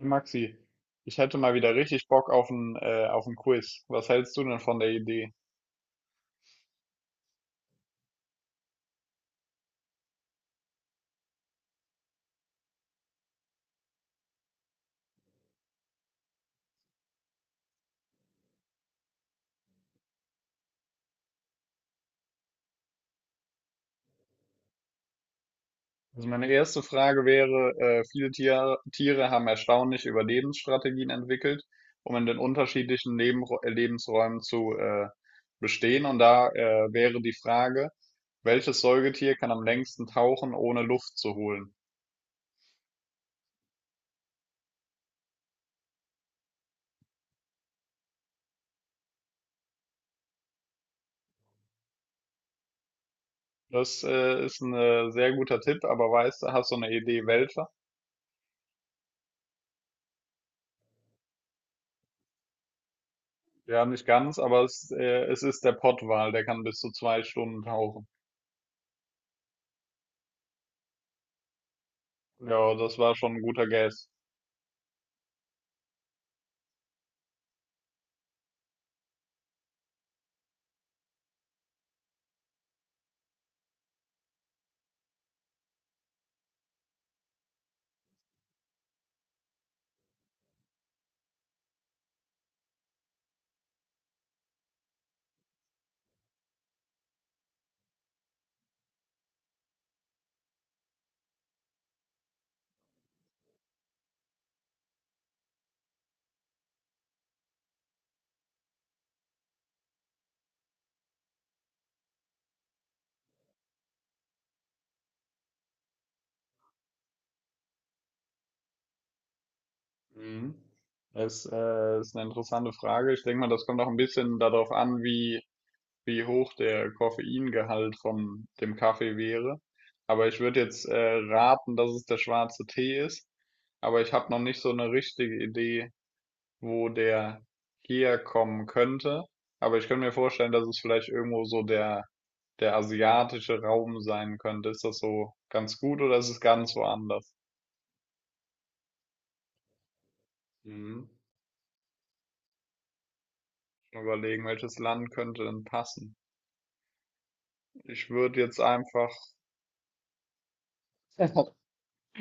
Maxi, ich hätte mal wieder richtig Bock auf auf ein Quiz. Was hältst du denn von der Idee? Also meine erste Frage wäre, viele Tiere haben erstaunlich Überlebensstrategien entwickelt, um in den unterschiedlichen Lebensräumen zu bestehen. Und da wäre die Frage, welches Säugetier kann am längsten tauchen, ohne Luft zu holen? Das ist ein sehr guter Tipp, aber weißt du, hast du eine Idee, welcher? Ja, nicht ganz, aber es ist der Pottwal, der kann bis zu zwei Stunden tauchen. Ja, das war schon ein guter Guess. Mhm. Es ist eine interessante Frage. Ich denke mal, das kommt auch ein bisschen darauf an, wie hoch der Koffeingehalt von dem Kaffee wäre. Aber ich würde jetzt raten, dass es der schwarze Tee ist. Aber ich habe noch nicht so eine richtige Idee, wo der herkommen könnte. Aber ich könnte mir vorstellen, dass es vielleicht irgendwo so der asiatische Raum sein könnte. Ist das so ganz gut oder ist es ganz woanders? Mhm. Mal überlegen, welches Land könnte denn passen? Ich würde jetzt einfach,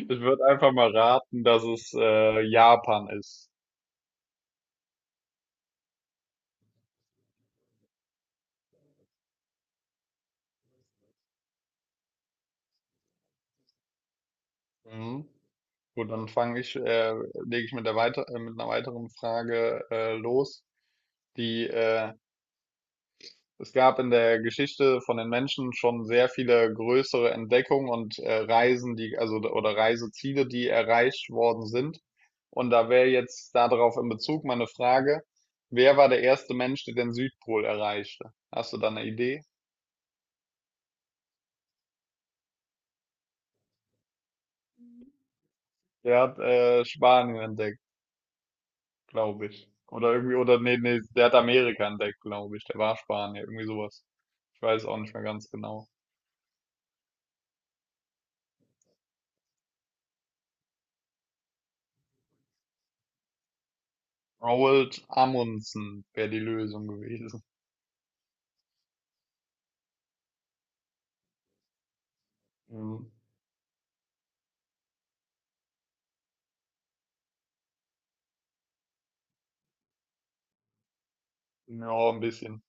Ich würde einfach mal raten, dass es Japan ist. Mhm. Gut, lege ich mit der weiter, mit einer weiteren Frage los, die es gab in der Geschichte von den Menschen schon sehr viele größere Entdeckungen und Reisen, also oder Reiseziele, die erreicht worden sind. Und da wäre jetzt darauf in Bezug meine Frage, wer war der erste Mensch, der den Südpol erreichte? Hast du da eine Idee? Der hat Spanien entdeckt, glaube ich. Oder irgendwie, oder nee, der hat Amerika entdeckt, glaube ich. Der war Spanier, irgendwie sowas. Ich weiß auch nicht mehr ganz genau. Roald Amundsen wäre die Lösung gewesen. Mhm. Ja, ein bisschen.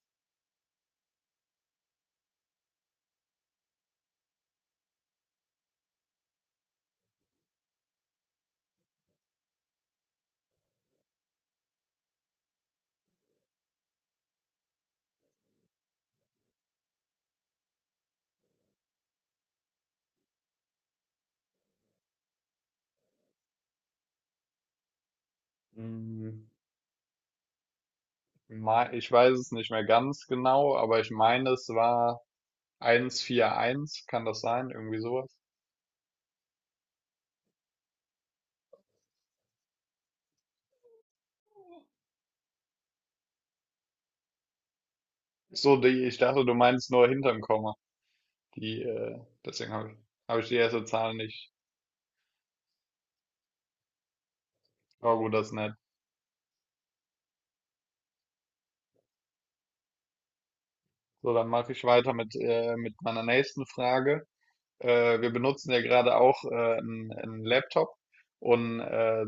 Hm, ich weiß es nicht mehr ganz genau, aber ich meine, es war 141, kann das sein? Irgendwie sowas. Ach so, ich dachte, du meinst nur hinterm Komma. Die, deswegen habe ich, hab ich die erste Zahl nicht. Aber gut, das ist nett. So, dann mache ich weiter mit meiner nächsten Frage. Wir benutzen ja gerade auch einen Laptop und äh,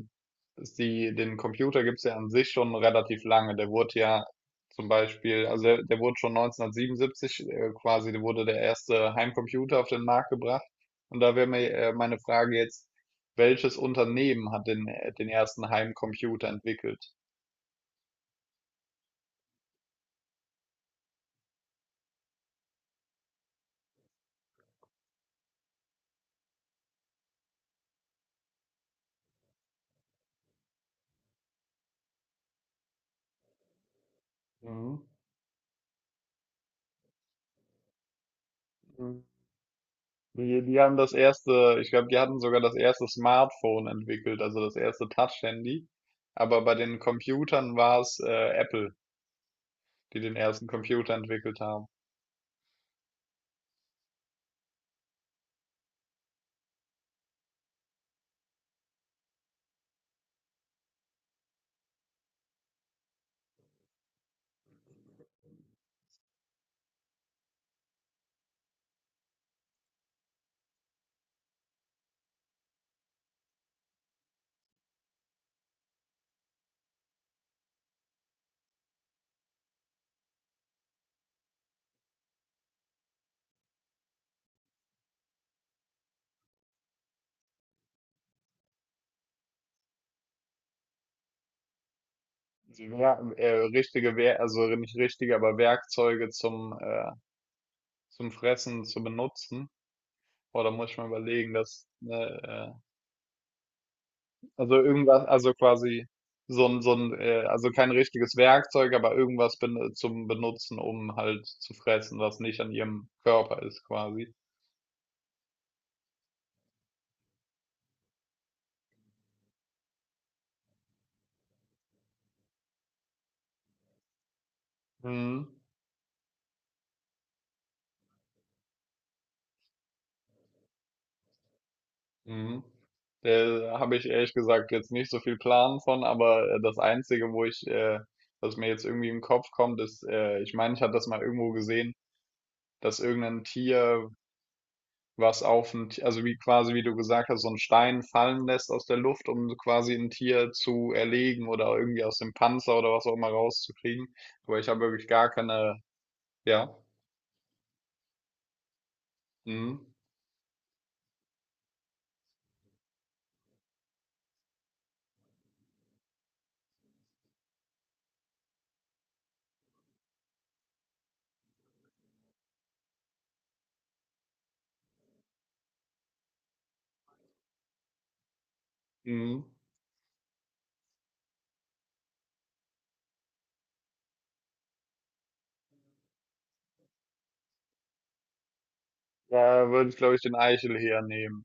den Computer gibt's ja an sich schon relativ lange. Der wurde ja zum Beispiel, der wurde schon 1977 der erste Heimcomputer auf den Markt gebracht. Und da wäre mir meine Frage jetzt, welches Unternehmen hat den ersten Heimcomputer entwickelt? Mhm. Die haben das erste, ich glaube, die hatten sogar das erste Smartphone entwickelt, also das erste Touch-Handy. Aber bei den Computern war es Apple, die den ersten Computer entwickelt haben. Sie wer- richtige, Wer Also nicht richtige, aber Werkzeuge zum Fressen zu benutzen. Boah, da muss ich mal überlegen, dass, ne, also irgendwas, also quasi also kein richtiges Werkzeug, aber irgendwas ben zum Benutzen, um halt zu fressen, was nicht an ihrem Körper ist, quasi. Mhm. Mhm. Da habe ich ehrlich gesagt jetzt nicht so viel Plan von, aber das Einzige, was mir jetzt irgendwie im Kopf kommt, ist, ich meine, ich hatte das mal irgendwo gesehen, dass irgendein Tier was also wie quasi, wie du gesagt hast, so einen Stein fallen lässt aus der Luft, um so quasi ein Tier zu erlegen oder irgendwie aus dem Panzer oder was auch immer rauszukriegen. Aber ich habe wirklich gar keine, ja, mhm. Mhm. Da würde ich, glaube ich, den Eichel hernehmen.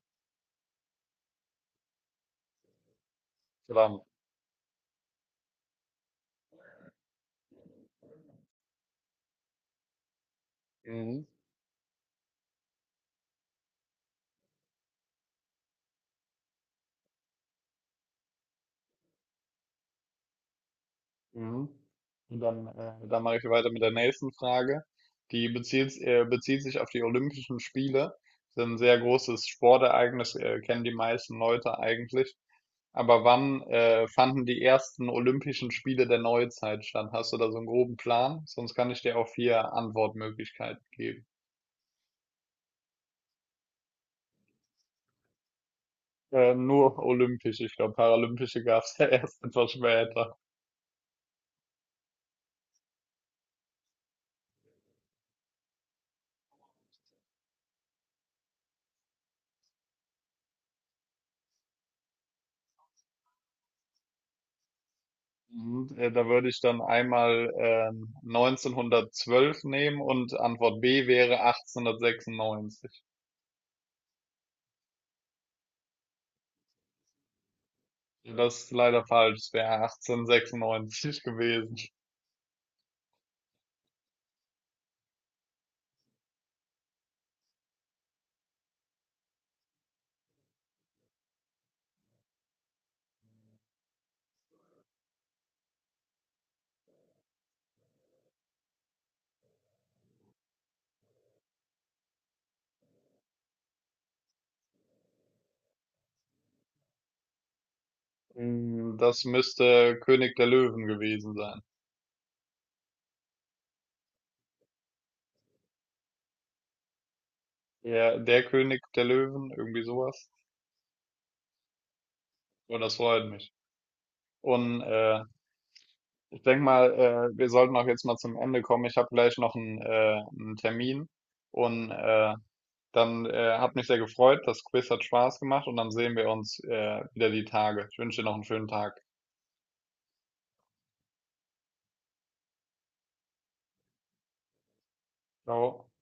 Verdammt. Mhm. Mhm. Und dann mache ich weiter mit der nächsten Frage. Die bezieht sich auf die Olympischen Spiele. Das ist ein sehr großes Sportereignis, kennen die meisten Leute eigentlich. Aber wann fanden die ersten Olympischen Spiele der Neuzeit statt? Hast du da so einen groben Plan? Sonst kann ich dir auch vier Antwortmöglichkeiten geben. Nur olympisch, ich glaube, paralympische gab es ja erst etwas später. Mhm, da würde ich dann einmal 1912 nehmen und Antwort B wäre 1896. Das ist leider falsch, es wäre 1896 gewesen. Mm, das müsste König der Löwen gewesen sein. Ja, der König der Löwen, irgendwie sowas. Und das freut mich. Und äh, ich denke mal, wir sollten auch jetzt mal zum Ende kommen. Ich habe gleich einen Termin. Und Dann hat mich sehr gefreut. Das Quiz hat Spaß gemacht und dann sehen wir uns wieder die Tage. Ich wünsche dir noch einen schönen Tag. Ciao.